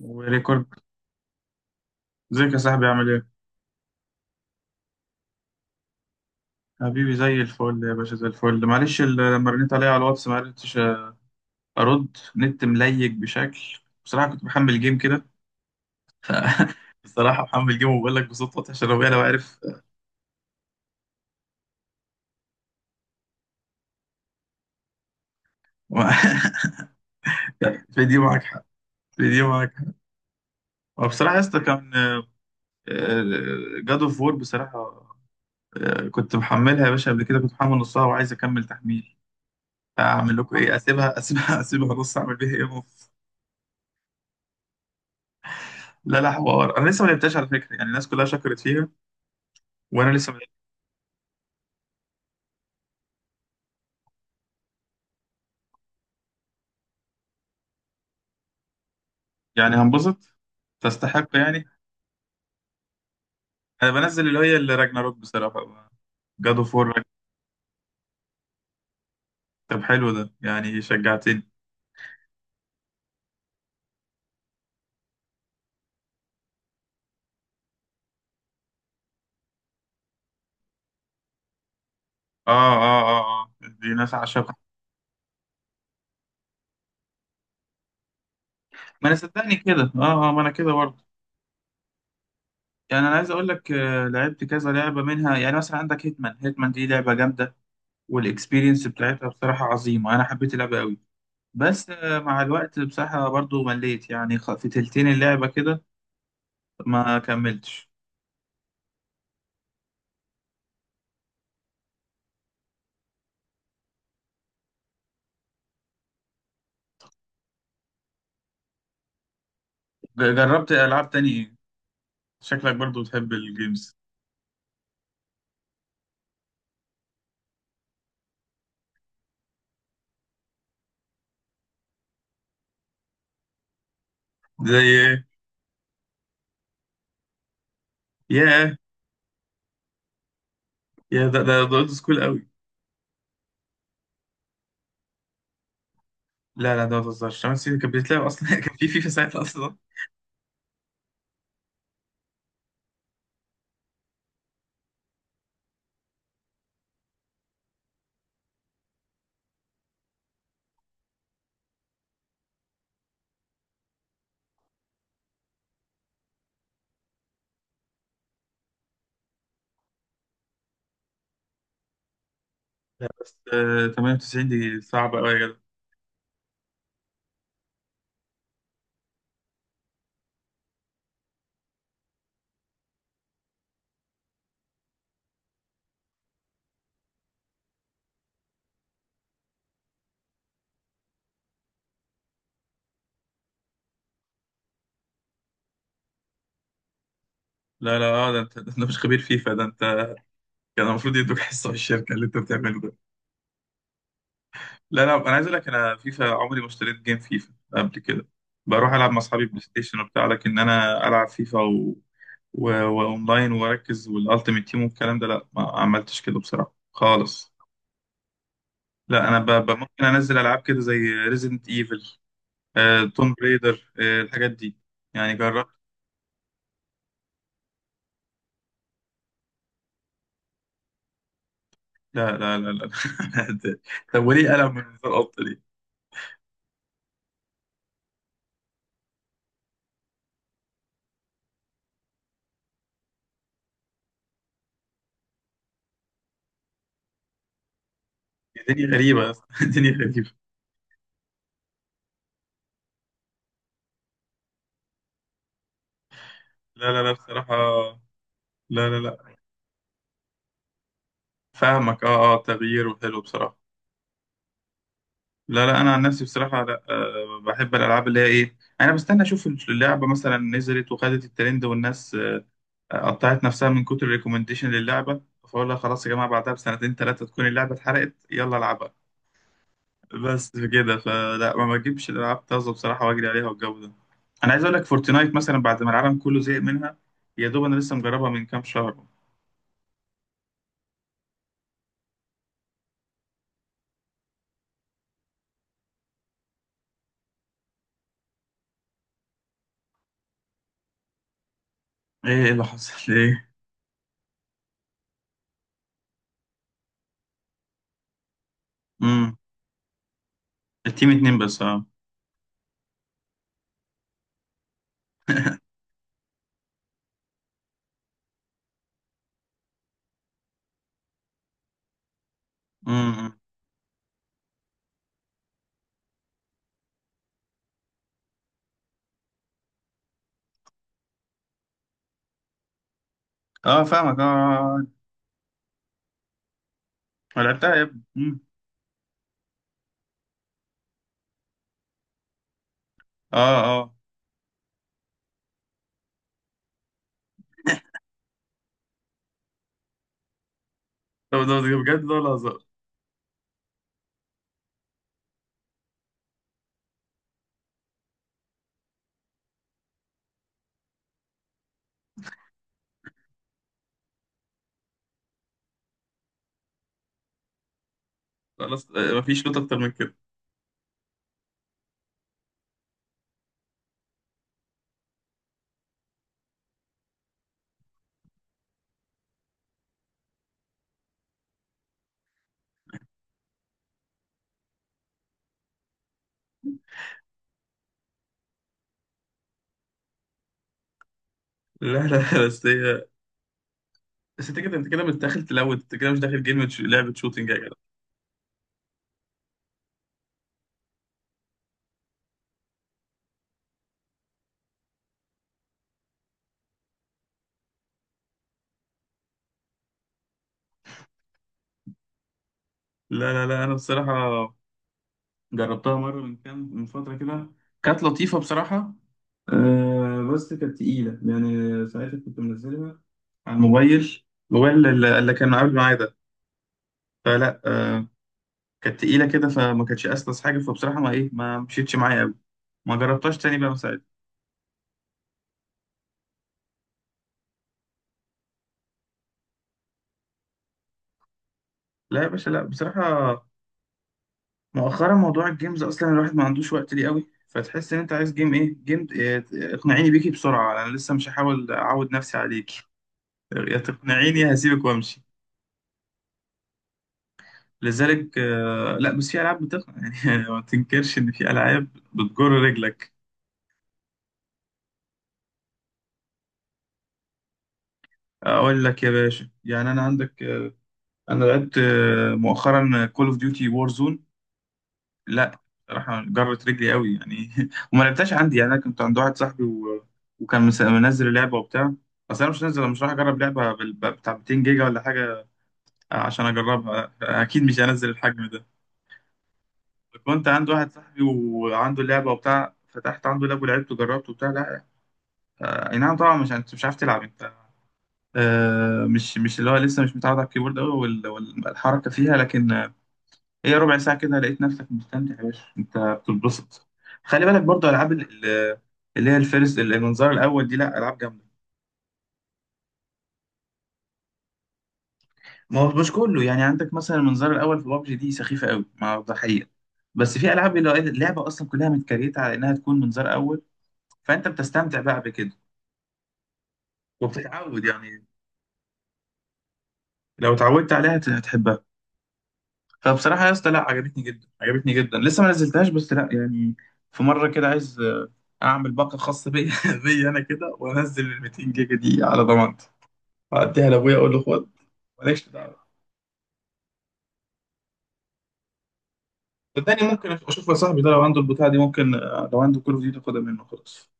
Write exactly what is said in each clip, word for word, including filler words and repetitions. وريكورد. ازيك يا صاحبي؟ عامل ايه؟ حبيبي، زي الفل يا باشا، زي الفل. معلش، ال- لما رنيت عليا على الواتس ما عرفتش ارد. نت مليج بشكل. بصراحه كنت محمل جيم كده. ف- بصراحه محمل جيم، وبقول لك بصوت واطي عشان ربنا لو انا بعرف. في دي معاك حق، في دي معاك حق. وبصراحه يا اسطى، كان جاد اوف وور بصراحه. آه، كنت محملها يا باشا. قبل كده كنت محمل نصها وعايز اكمل تحميل. اعمل لكم ايه؟ اسيبها، اسيبها، اسيبها نص؟ اعمل بيها ايه نص؟ لا لا، حوار. انا لسه ما لعبتهاش على فكره يعني. الناس كلها شكرت فيها وانا لسه ما لعبت- يعني هنبسط؟ تستحق يعني. انا بنزل اللي هي اللي راجناروك بصراحه، جاد اوف وور. طب حلو، ده يعني شجعتني. اه اه اه اه، دي ناس عشاقة. ما انا صدقني كده، اه اه، ما انا كده برضه. يعني انا عايز اقول لك، آه، لعبت كذا لعبه منها. يعني مثلا عندك هيتمان، هيتمان دي لعبه جامده. والاكسبيرينس بتاعتها بصراحه عظيمه. انا حبيت اللعبه قوي. بس آه، مع الوقت بصراحه برضه مليت، يعني خ- في تلتين اللعبه كده ما كملتش. جربت العاب تاني ايه؟ شكلك برضو بتحب الجيمز. زي ايه؟ ياه. يا ده ده ده اولد سكول قوي. لا لا، ده ما تهزرش! 8 سنين كانت بتتلعب اصلا. كان في فيفا ساعتها اصلا؟ لا بس آه، تمانية وتسعين دي صعبه قوي يا جدع. لا لا، اه، ده انت، ده انت مش خبير فيفا ده انت. كان المفروض يدوك حصه في الشركه اللي انت بتعمله ده. لا لا، انا عايز اقول لك، انا فيفا عمري ما اشتريت جيم فيفا قبل كده. بروح العب مع اصحابي بلاي ستيشن وبتاع، لكن انا العب فيفا و... و... واونلاين واركز والالتيميت تيم والكلام ده، لا ما عملتش كده بصراحه خالص. لا انا ب... ب... ممكن انزل العاب كده زي ريزيدنت ايفل، آه، توم بريدر، آه، الحاجات دي يعني جربت. لا لا لا لا، لا. طب وليه قلم من منظار القط ليه؟ الدنيا غريبه يا اسطى. الدنيا غريبه. لا لا لا بصراحه. لا لا لا. فاهمك، اه اه، تغيير وحلو بصراحه. لا لا، انا عن نفسي بصراحه، لا، أه، بحب الالعاب اللي هي ايه. انا بستنى اشوف اللعبه مثلا نزلت وخدت الترند والناس آه، قطعت نفسها من كتر الريكومنديشن للعبه، فاقول لها خلاص يا جماعه، بعدها بسنتين ثلاثه تكون اللعبه اتحرقت، يلا العبها. بس كده، فلا ما بجيبش الالعاب طازه بصراحه، واجري عليها والجو ده. انا عايز اقول لك، فورتنايت مثلا بعد ما العالم كله زهق منها، يا دوب انا لسه مجربها من كام شهر. ايه؟ إيه اللي حصل؟ ايه؟ امم التيم اتنين بس، اه. امم اه، فاهمك، اه، آه، آه. لعبتها يا ابني. مم. اه، آه. ده ده ده بجد، ده ولا هزار؟ خلاص، آه، مفيش نقطة أكتر من كده. لا لا، بس هي بس أنت كده، أنت كده مش داخل تلوت، أنت كده مش داخل جيم، ش- لعبة شوتينج يا جدع. لا لا لا، أنا بصراحة جربتها مرة من كام من فترة كده. كانت لطيفة بصراحة. آه، بس كانت تقيلة يعني، ساعتها كنت منزلها على الموبايل. الموبايل اللي اللي كان قبل معايا ده. فلا، آه كانت تقيلة كده، فما كانتش أسلس حاجة. فبصراحة، ما إيه ما مشيتش معايا أوي. ما جربتهاش تاني بقى من ساعتها. لا يا باشا، لا بصراحة، مؤخرا موضوع الجيمز اصلا الواحد ما عندوش وقت ليه قوي. فتحس ان انت عايز جيم ايه، جيم إيه، اقنعيني بيكي بسرعه، انا لسه مش هحاول اعود نفسي عليكي. يا تقنعيني، يا هسيبك وامشي. لذلك آه، لا، بس في العاب بتقنع يعني. ما تنكرش ان في العاب بتجر رجلك. اقول لك يا باشا يعني، انا عندك آه، انا لعبت آه، مؤخرا كول اوف ديوتي وور. لا، راح جرت رجلي قوي يعني. وما لعبتهاش عندي يعني، انا كنت عند واحد صاحبي و... وكان مس- منزل اللعبه وبتاع. بس انا مش نازل، مش راح اجرب لعبه بال... بتاع 200 جيجا ولا حاجه عشان اجربها، اكيد مش هنزل الحجم ده. كنت عند واحد صاحبي وعنده اللعبه وبتاع، فتحت عنده لاب ولعبت وجربت وبتاع. لا، آه، اي نعم طبعا، مش انت مش عارف تلعب انت. آه، مش مش اللي هو لسه مش متعود على الكيبورد قوي والحركه فيها، لكن هي ربع ساعة كده لقيت نفسك مستمتع يا باشا، انت بتتبسط. خلي بالك برضو، العاب ال- ال- اللي هي الفيرست، المنظار الاول دي لا العاب جامدة. ما هو مش كله يعني. عندك مثلا المنظار الاول في بابجي دي سخيفة قوي مع الضحية. بس في العاب اللي هو إيه، اللعبة اصلا كلها متكريتة على انها تكون منظار اول. فانت بتستمتع بقى بكده. وبتتعود يعني. لو اتعودت عليها، هت- هتحبها. فبصراحة يا اسطى لا، عجبتني جدا، عجبتني جدا. لسه ما نزلتهاش بس لا يعني. في مرة كده عايز آه، أعمل باقة خاصة بيا، بيا أنا كده، وأنزل ال 200 جيجا دي على ضمانتي، وأديها لأبويا أقول له خد. مالكش دعوة. صدقني ممكن أشوف يا صاحبي. ده لو عنده البتاعة دي ممكن آه، لو عنده كول أوف ديوتي، أخدها منه خلاص.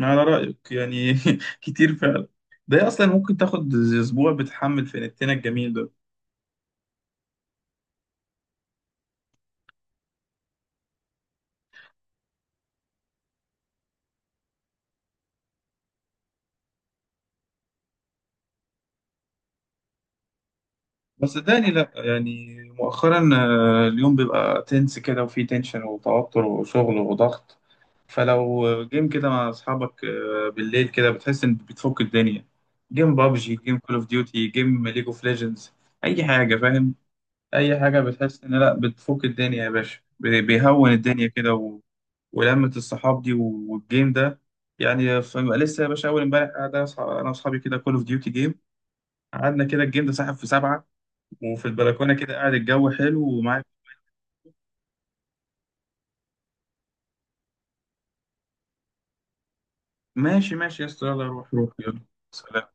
على رأيك يعني. كتير فعلا. ده أصلا ممكن تاخد أسبوع بتحمل في نتنا الجميل ده. بس صدقني لا يعني، مؤخرا آه، اليوم بيبقى تنس كده، وفيه تنشن وتوتر وشغل وضغط. فلو جيم كده مع اصحابك آه، بالليل كده، بتحس ان بتفك الدنيا. جيم بابجي، جيم كول اوف ديوتي، جيم ليج اوف ليجندز، اي حاجه، فاهم؟ اي حاجه بتحس ان لا بتفك الدنيا يا باشا، بي- بيهون الدنيا كده و... ولمة الصحاب دي و- والجيم ده. يعني ف- لسه يا باشا، اول امبارح قاعد انا وأصح- أنا واصحابي كده، كول اوف ديوتي جيم. قعدنا كده، الجيم ده سحب في سبعه. وفي البلكونه كده قاعد، الجو حلو ومعاك. ماشي، ماشي يا اسطى، يلا روح روح، يلا سلام.